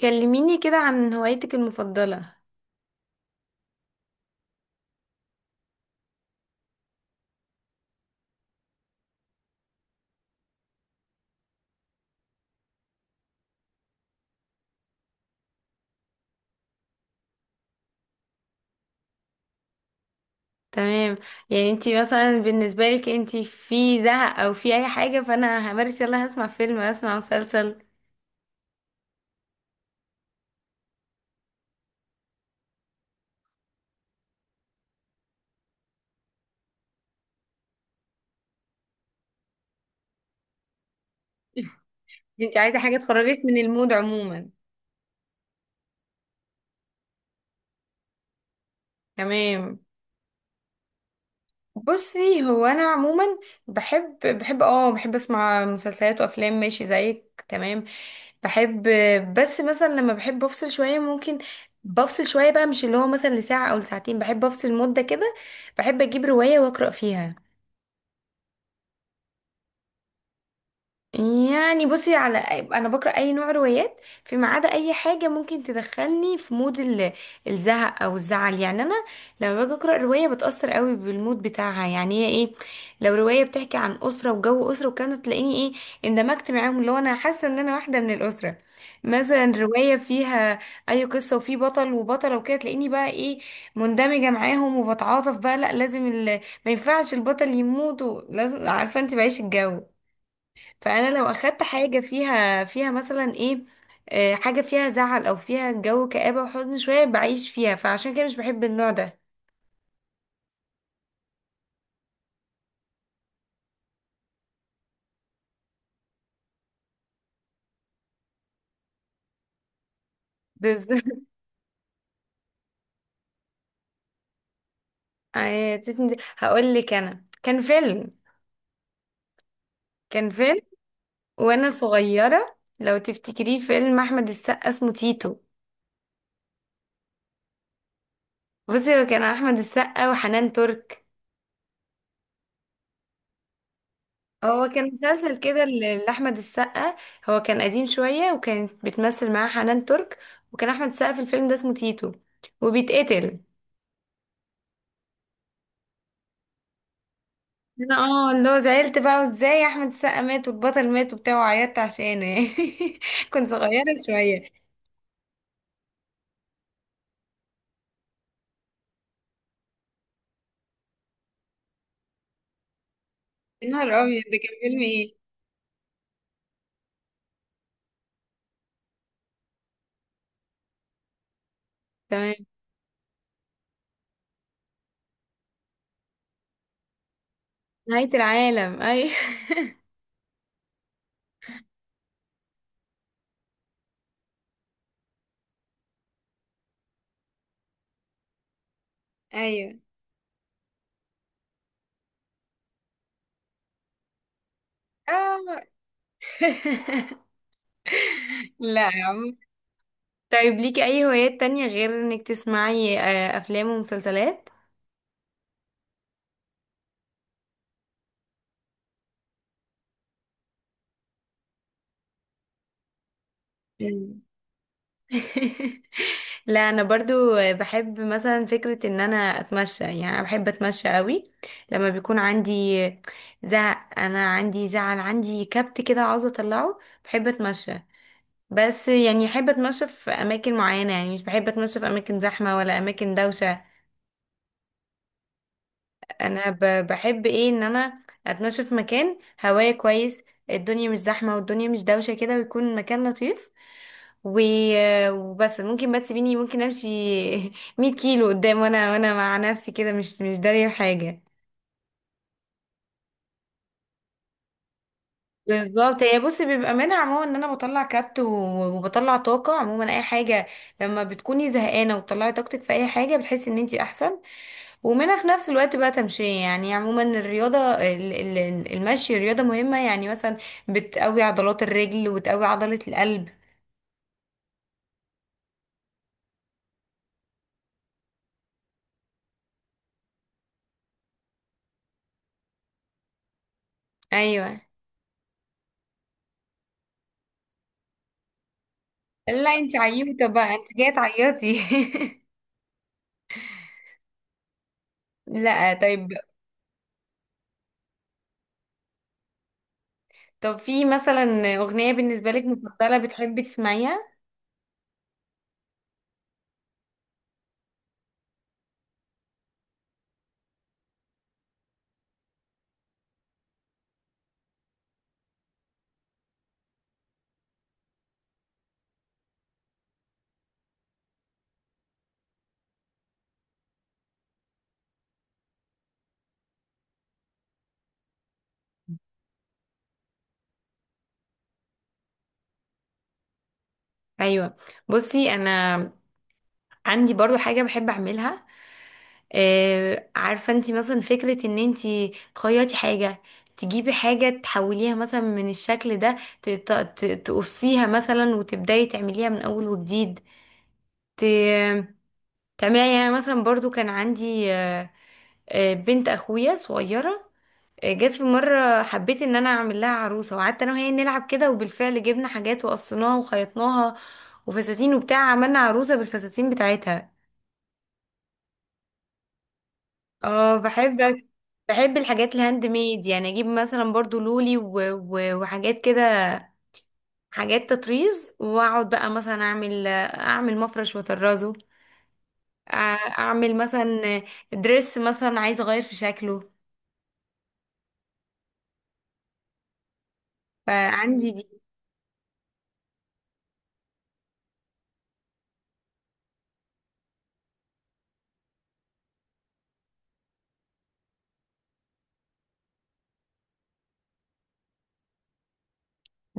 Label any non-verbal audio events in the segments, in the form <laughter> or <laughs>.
كلميني كده عن هوايتك المفضلة. تمام. يعني انتي مثلا بالنسبة لك انتي في زهق او في اي حاجة فانا همارس يلا هسمع فيلم هسمع مسلسل. انتي عايزة حاجة تخرجك من المود عموما؟ تمام. بصي هو انا عموما بحب اسمع مسلسلات وافلام ماشي زيك. تمام، بحب، بس مثلا لما بحب افصل شويه ممكن بفصل شويه بقى، مش اللي هو مثلا لساعه او لساعتين، بحب افصل مده كده، بحب اجيب روايه واقرا فيها. يعني بصي، انا بقرا اي نوع روايات فيما عدا اي حاجه ممكن تدخلني في مود الزهق او الزعل. يعني انا لما باجي اقرا روايه بتاثر قوي بالمود بتاعها، يعني هي ايه؟ لو روايه بتحكي عن اسره وجو اسره، وكانت تلاقيني ايه؟ اندمجت معاهم، اللي هو انا حاسه ان انا واحده من الاسره. مثلا روايه فيها اي قصه وفي بطل وبطله وكده، تلاقيني بقى ايه؟ مندمجه معاهم، وبتعاطف بقى، لا لازم ال... ما ينفعش البطل يموت لازم، عارفه انت، بعيش الجو. فانا لو اخدت حاجه فيها مثلا ايه، حاجه فيها زعل او فيها جو كآبه وحزن شويه بعيش فيها، فعشان كده مش بحب النوع ده. بالظبط. <laughs> هقول لك، انا كان فيلم، كان فيلم وانا صغيره، لو تفتكريه فيلم احمد السقا اسمه تيتو. بصي هو كان احمد السقا وحنان ترك، هو كان مسلسل كده لاحمد السقا، هو كان قديم شويه وكانت بتمثل معاه حنان ترك، وكان احمد السقا في الفيلم ده اسمه تيتو، وبيتقتل. انا اه اللي هو زعلت بقى، وازاي احمد السقا مات والبطل مات وبتاع، وعيطت عشانه يعني. <laughs> كنت صغيرة شوية. يا نهار ابيض، ده كان فيلم ايه؟ تمام. نهاية العالم، ايوه. <laughs> ايوه. اه. <laughs> لا يا عم. طيب ليكي اي هوايات تانية غير انك تسمعي افلام ومسلسلات؟ مم. <laughs> لا انا برضو بحب مثلا فكرة ان انا اتمشى، يعني انا بحب اتمشى قوي. لما بيكون عندي زهق، انا عندي زعل، عندي كبت كده عاوزة اطلعه، بحب اتمشى. بس يعني احب اتمشى في اماكن معينة، يعني مش بحب اتمشى في اماكن زحمة ولا اماكن دوشة. انا بحب ايه ان انا اتمشى في مكان، هواية كويس، الدنيا مش زحمة والدنيا مش دوشة كده، ويكون مكان لطيف و... وبس. ممكن بقى تسيبيني ممكن امشي <laughs> 100 كيلو قدام، وانا مع نفسي كده مش دارية حاجة. بالظبط، هي بصي بيبقى منها عموما ان انا بطلع كبت وبطلع طاقه، عموما اي حاجه لما بتكوني زهقانه وبتطلعي طاقتك في اي حاجه بتحسي ان انتي احسن. ومنها في نفس الوقت بقى تمشية، يعني عموما الرياضة المشي رياضة مهمة، يعني مثلا بتقوي عضلات الرجل وتقوي عضلة القلب. ايوه. لا انت عيوطة بقى، انت جاية تعيطي. <laughs> لا طيب. طب في مثلا اغنية بالنسبة لك مفضلة بتحبي تسمعيها؟ ايوه. بصي انا عندي برضو حاجة بحب أعملها، عارفة انتي مثلا فكرة ان انتي تخيطي حاجة، تجيبي حاجة تحوليها مثلا من الشكل ده، تقصيها مثلا وتبدأي تعمليها من أول وجديد، ت- تعمليها. يعني مثلا برضو كان عندي بنت أخويا صغيرة، جت في مرة، حبيت ان انا اعمل لها عروسة، وقعدت انا وهي نلعب كده، وبالفعل جبنا حاجات وقصيناها وخيطناها وفساتين وبتاع، عملنا عروسة بالفساتين بتاعتها. اه بحب، بحب الحاجات الهاند ميد، يعني اجيب مثلا برضو لولي و... و... وحاجات كده، حاجات تطريز، واقعد بقى مثلا اعمل مفرش واطرزه، أ- اعمل مثلا دريس مثلا عايزه اغير في شكله. فعندي دي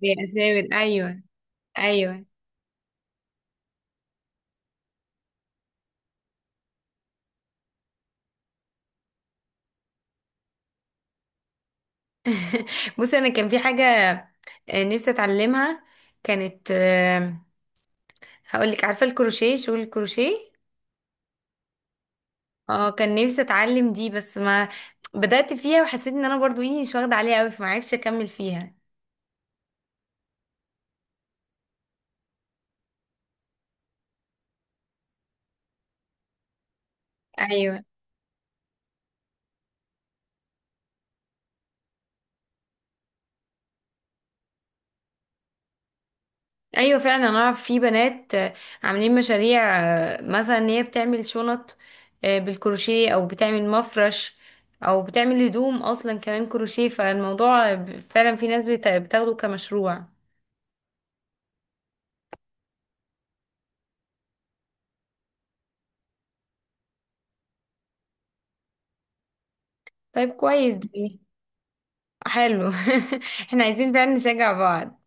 زي اساور، ايوه. ايوه. <laughs> بصي انا كان في حاجه نفسي اتعلمها، كانت، هقول لك، عارفه الكروشيه؟ شغل الكروشيه، اه، كان نفسي اتعلم دي، بس ما بدأت فيها، وحسيت ان انا برضو ايدي مش واخدة عليها قوي، فما عرفتش اكمل فيها. ايوه. ايوه فعلا، انا اعرف في بنات عاملين مشاريع، مثلا ان هي بتعمل شنط بالكروشيه، او بتعمل مفرش، او بتعمل هدوم اصلا كمان كروشيه، فالموضوع فعلا في ناس بتاخده كمشروع. طيب كويس دي. حلو. <laughs> احنا عايزين فعلا نشجع بعض.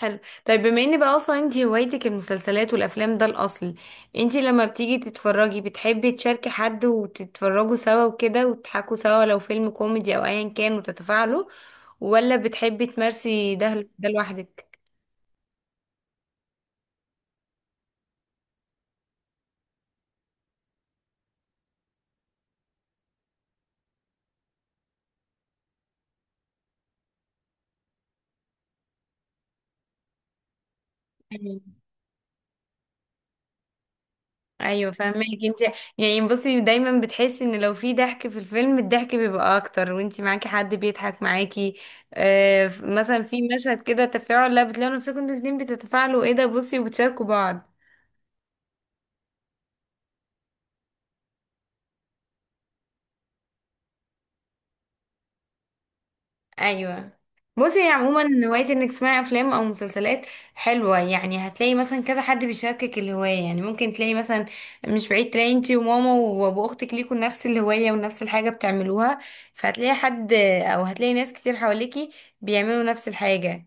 حلو. طيب بما ان بقى اصلا انتي هوايتك المسلسلات والافلام ده الاصل، انتي لما بتيجي تتفرجي بتحبي تشاركي حد وتتفرجوا سوا وكده وتضحكوا سوا لو فيلم كوميدي او ايا كان وتتفاعلوا، ولا بتحبي تمارسي ده لوحدك؟ مم. ايوه فاهمك انتي. يعني بصي دايما بتحسي ان لو في ضحك في الفيلم الضحك بيبقى اكتر وانتي معاكي حد بيضحك معاكي. آه مثلا في مشهد كده تفاعل، لا بتلاقوا نفسكم انتوا الاتنين بتتفاعلوا ايه ده بصي، وبتشاركوا بعض. ايوه. بصي هي عموما هوايه انك تسمعي افلام او مسلسلات حلوه، يعني هتلاقي مثلا كذا حد بيشاركك الهوايه، يعني ممكن تلاقي مثلا، مش بعيد، تلاقي انتي وماما وابو اختك ليكوا نفس الهوايه ونفس الحاجه بتعملوها، فهتلاقي حد، او هتلاقي ناس كتير حواليكي بيعملوا نفس الحاجه.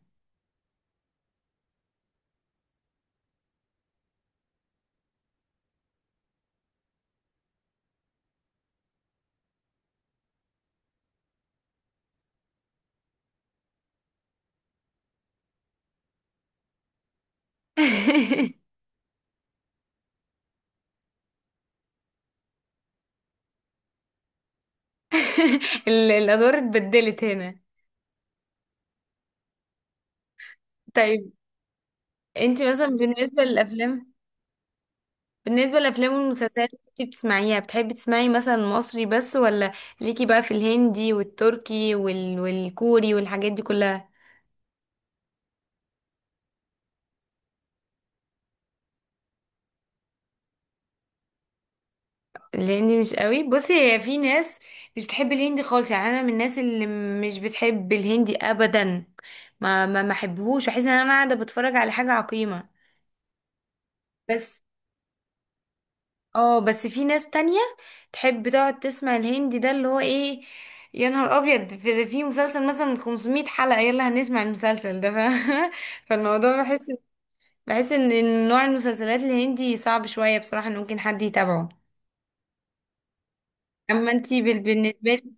<laughs> الادوار اتبدلت هنا. طيب انتي مثلا بالنسبه للافلام، بالنسبة للأفلام والمسلسلات اللي انتي بتسمعيها بتحبي تسمعي مثلا مصري بس، ولا ليكي بقى في الهندي والتركي وال... والكوري والحاجات دي كلها؟ الهندي مش قوي. بصي هي في ناس مش بتحب الهندي خالص، يعني انا من الناس اللي مش بتحب الهندي ابدا، ما احبهوش، بحس ان انا قاعده بتفرج على حاجه عقيمه. بس اه، بس في ناس تانية تحب تقعد تسمع الهندي، ده اللي هو ايه، يا نهار ابيض، في مسلسل مثلا 500 حلقة يلا هنسمع المسلسل ده ف... <laughs> فالموضوع بحس ان نوع المسلسلات الهندي صعب شوية بصراحة ان ممكن حد يتابعه. اما انتي بالنسبة لي،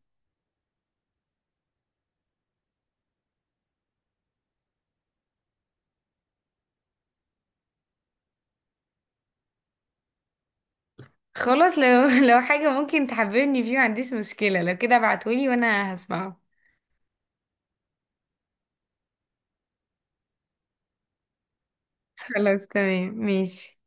خلاص، لو <laughs> لو حاجة ممكن تحببني فيه ما عنديش مشكلة، لو كده ابعتولي وانا هسمعه. خلاص تمام ماشي.